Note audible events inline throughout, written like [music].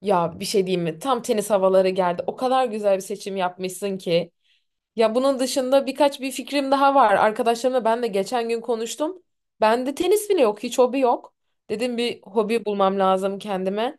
Ya bir şey diyeyim mi? Tam tenis havaları geldi. O kadar güzel bir seçim yapmışsın ki. Ya bunun dışında birkaç bir fikrim daha var. Arkadaşlarımla ben de geçen gün konuştum. Bende tenis bile yok, hiç hobi yok. Dedim bir hobi bulmam lazım kendime.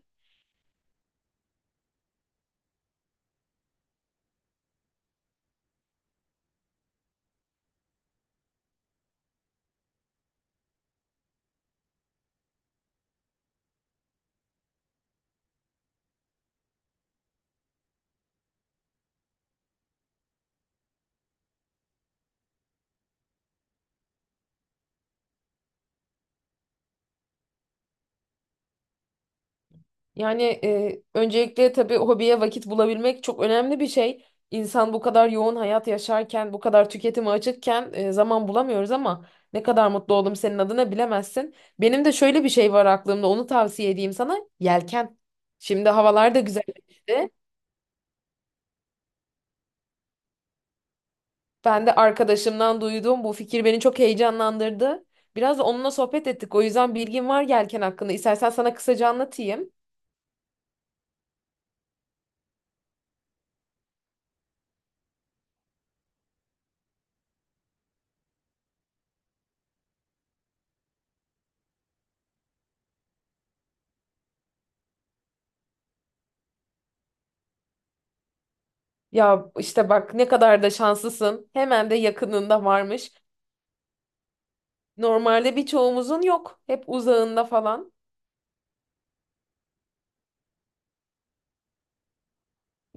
Yani öncelikle tabii hobiye vakit bulabilmek çok önemli bir şey. İnsan bu kadar yoğun hayat yaşarken, bu kadar tüketime açıkken zaman bulamıyoruz ama ne kadar mutlu oldum senin adına bilemezsin. Benim de şöyle bir şey var aklımda, onu tavsiye edeyim sana. Yelken. Şimdi havalar da güzelleşti. Ben de arkadaşımdan duyduğum bu fikir beni çok heyecanlandırdı. Biraz da onunla sohbet ettik. O yüzden bilgim var yelken hakkında. İstersen sana kısaca anlatayım. Ya işte bak ne kadar da şanslısın. Hemen de yakınında varmış. Normalde birçoğumuzun yok. Hep uzağında falan.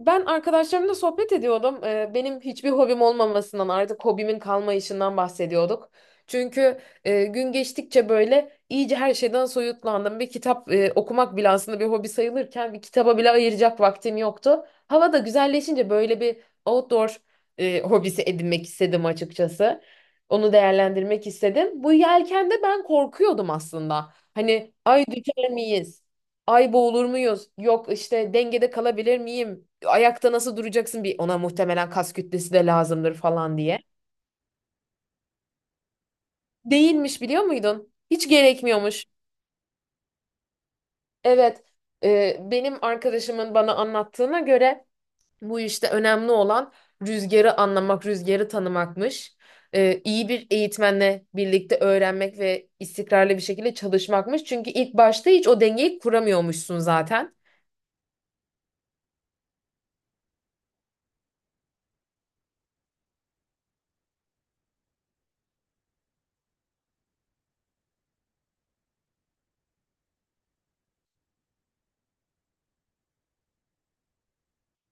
Ben arkadaşlarımla sohbet ediyordum. Benim hiçbir hobim olmamasından artık hobimin kalmayışından bahsediyorduk. Çünkü gün geçtikçe böyle iyice her şeyden soyutlandım. Bir kitap okumak bile aslında bir hobi sayılırken bir kitaba bile ayıracak vaktim yoktu. Hava da güzelleşince böyle bir outdoor hobisi edinmek istedim açıkçası. Onu değerlendirmek istedim. Bu yelkende ben korkuyordum aslında. Hani ay düşer miyiz? Ay boğulur muyuz? Yok işte dengede kalabilir miyim? Ayakta nasıl duracaksın bir ona muhtemelen kas kütlesi de lazımdır falan diye. Değilmiş biliyor muydun? Hiç gerekmiyormuş. Evet, benim arkadaşımın bana anlattığına göre bu işte önemli olan rüzgarı anlamak, rüzgarı tanımakmış. İyi bir eğitmenle birlikte öğrenmek ve istikrarlı bir şekilde çalışmakmış. Çünkü ilk başta hiç o dengeyi kuramıyormuşsun zaten.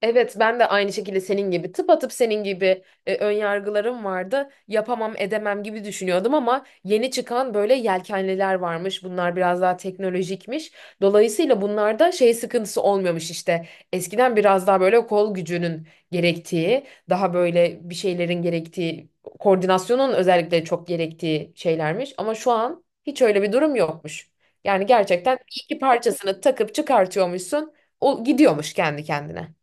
Evet ben de aynı şekilde senin gibi tıpatıp senin gibi ön yargılarım vardı. Yapamam edemem gibi düşünüyordum ama yeni çıkan böyle yelkenliler varmış. Bunlar biraz daha teknolojikmiş. Dolayısıyla bunlarda şey sıkıntısı olmuyormuş işte. Eskiden biraz daha böyle kol gücünün gerektiği, daha böyle bir şeylerin gerektiği, koordinasyonun özellikle çok gerektiği şeylermiş. Ama şu an hiç öyle bir durum yokmuş. Yani gerçekten iki parçasını takıp çıkartıyormuşsun. O gidiyormuş kendi kendine.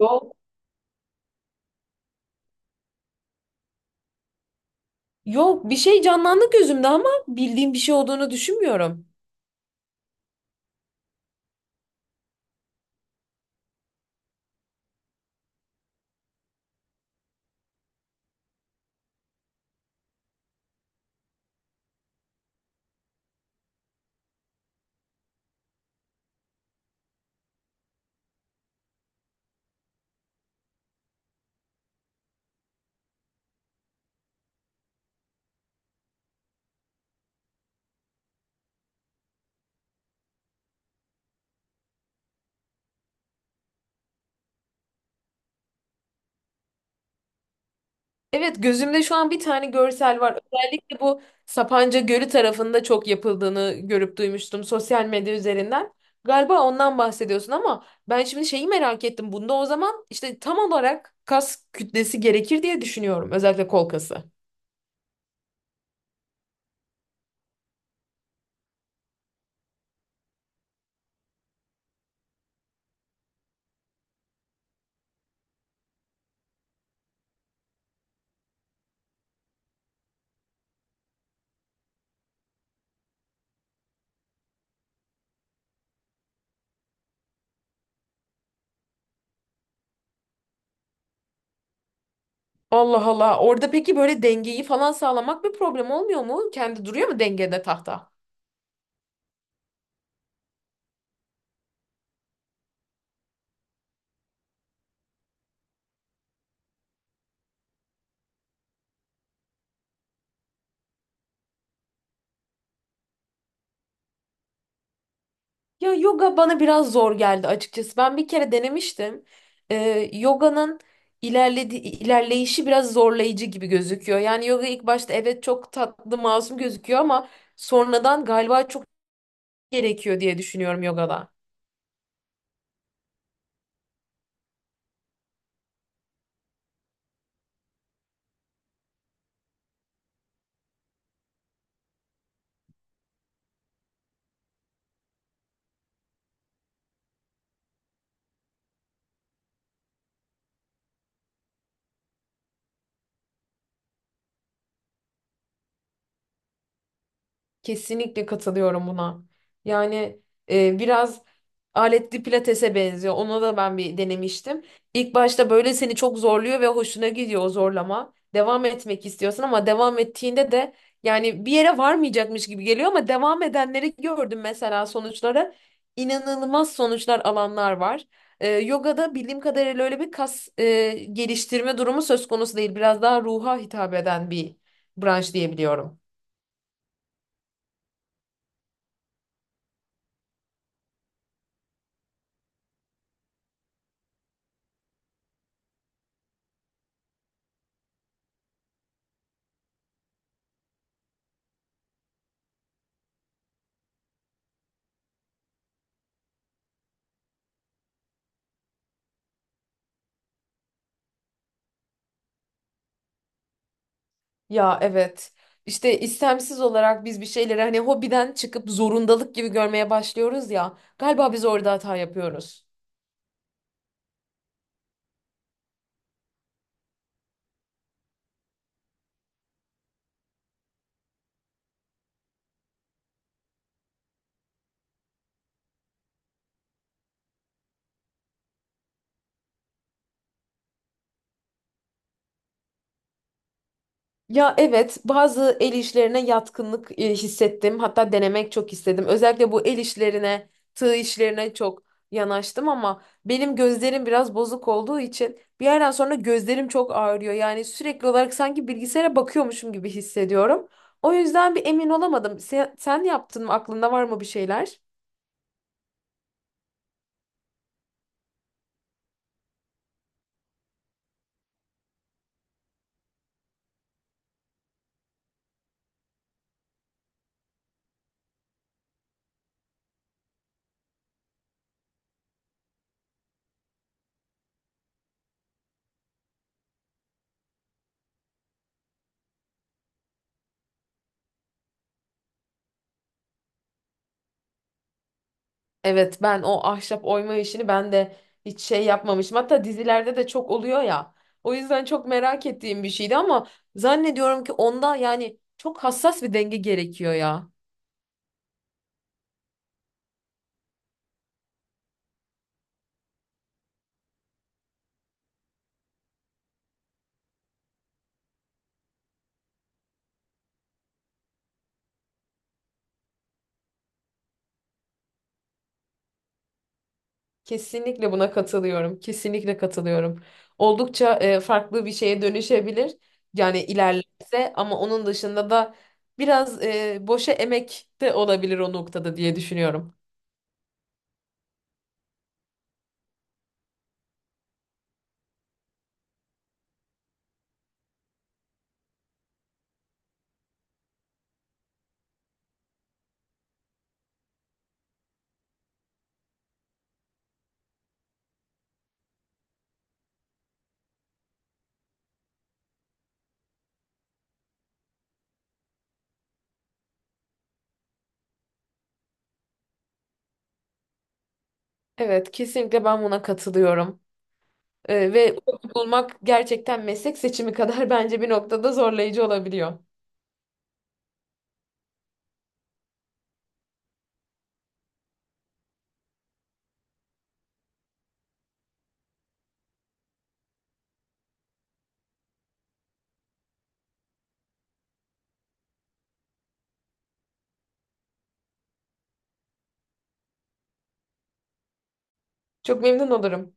Yok. Yok bir şey canlandı gözümde ama bildiğim bir şey olduğunu düşünmüyorum. Evet gözümde şu an bir tane görsel var. Özellikle bu Sapanca Gölü tarafında çok yapıldığını görüp duymuştum sosyal medya üzerinden. Galiba ondan bahsediyorsun ama ben şimdi şeyi merak ettim. Bunda o zaman işte tam olarak kas kütlesi gerekir diye düşünüyorum. Özellikle kol kası. Allah Allah. Orada peki böyle dengeyi falan sağlamak bir problem olmuyor mu? Kendi duruyor mu dengede tahta? Ya yoga bana biraz zor geldi açıkçası. Ben bir kere denemiştim. Yoga'nın ilerleyişi biraz zorlayıcı gibi gözüküyor. Yani yoga ilk başta evet çok tatlı, masum gözüküyor ama sonradan galiba çok gerekiyor diye düşünüyorum yogada. Kesinlikle katılıyorum buna. Yani biraz aletli pilatese benziyor. Ona da ben bir denemiştim. İlk başta böyle seni çok zorluyor ve hoşuna gidiyor o zorlama. Devam etmek istiyorsun ama devam ettiğinde de yani bir yere varmayacakmış gibi geliyor ama devam edenleri gördüm mesela sonuçları. İnanılmaz sonuçlar alanlar var. Yogada bildiğim kadarıyla öyle bir kas geliştirme durumu söz konusu değil. Biraz daha ruha hitap eden bir branş diyebiliyorum. Ya evet. İşte istemsiz olarak biz bir şeyleri hani hobiden çıkıp zorundalık gibi görmeye başlıyoruz ya. Galiba biz orada hata yapıyoruz. Ya evet, bazı el işlerine yatkınlık hissettim. Hatta denemek çok istedim. Özellikle bu el işlerine, tığ işlerine çok yanaştım ama benim gözlerim biraz bozuk olduğu için bir yerden sonra gözlerim çok ağrıyor. Yani sürekli olarak sanki bilgisayara bakıyormuşum gibi hissediyorum. O yüzden bir emin olamadım. Sen yaptın mı? Aklında var mı bir şeyler? Evet ben o ahşap oyma işini ben de hiç şey yapmamışım. Hatta dizilerde de çok oluyor ya. O yüzden çok merak ettiğim bir şeydi ama zannediyorum ki onda yani çok hassas bir denge gerekiyor ya. Kesinlikle buna katılıyorum. Kesinlikle katılıyorum. Oldukça farklı bir şeye dönüşebilir. Yani ilerlerse ama onun dışında da biraz boşa emek de olabilir o noktada diye düşünüyorum. Evet, kesinlikle ben buna katılıyorum. Ve bulmak gerçekten meslek seçimi kadar [laughs] bence bir noktada zorlayıcı olabiliyor. Çok memnun olurum.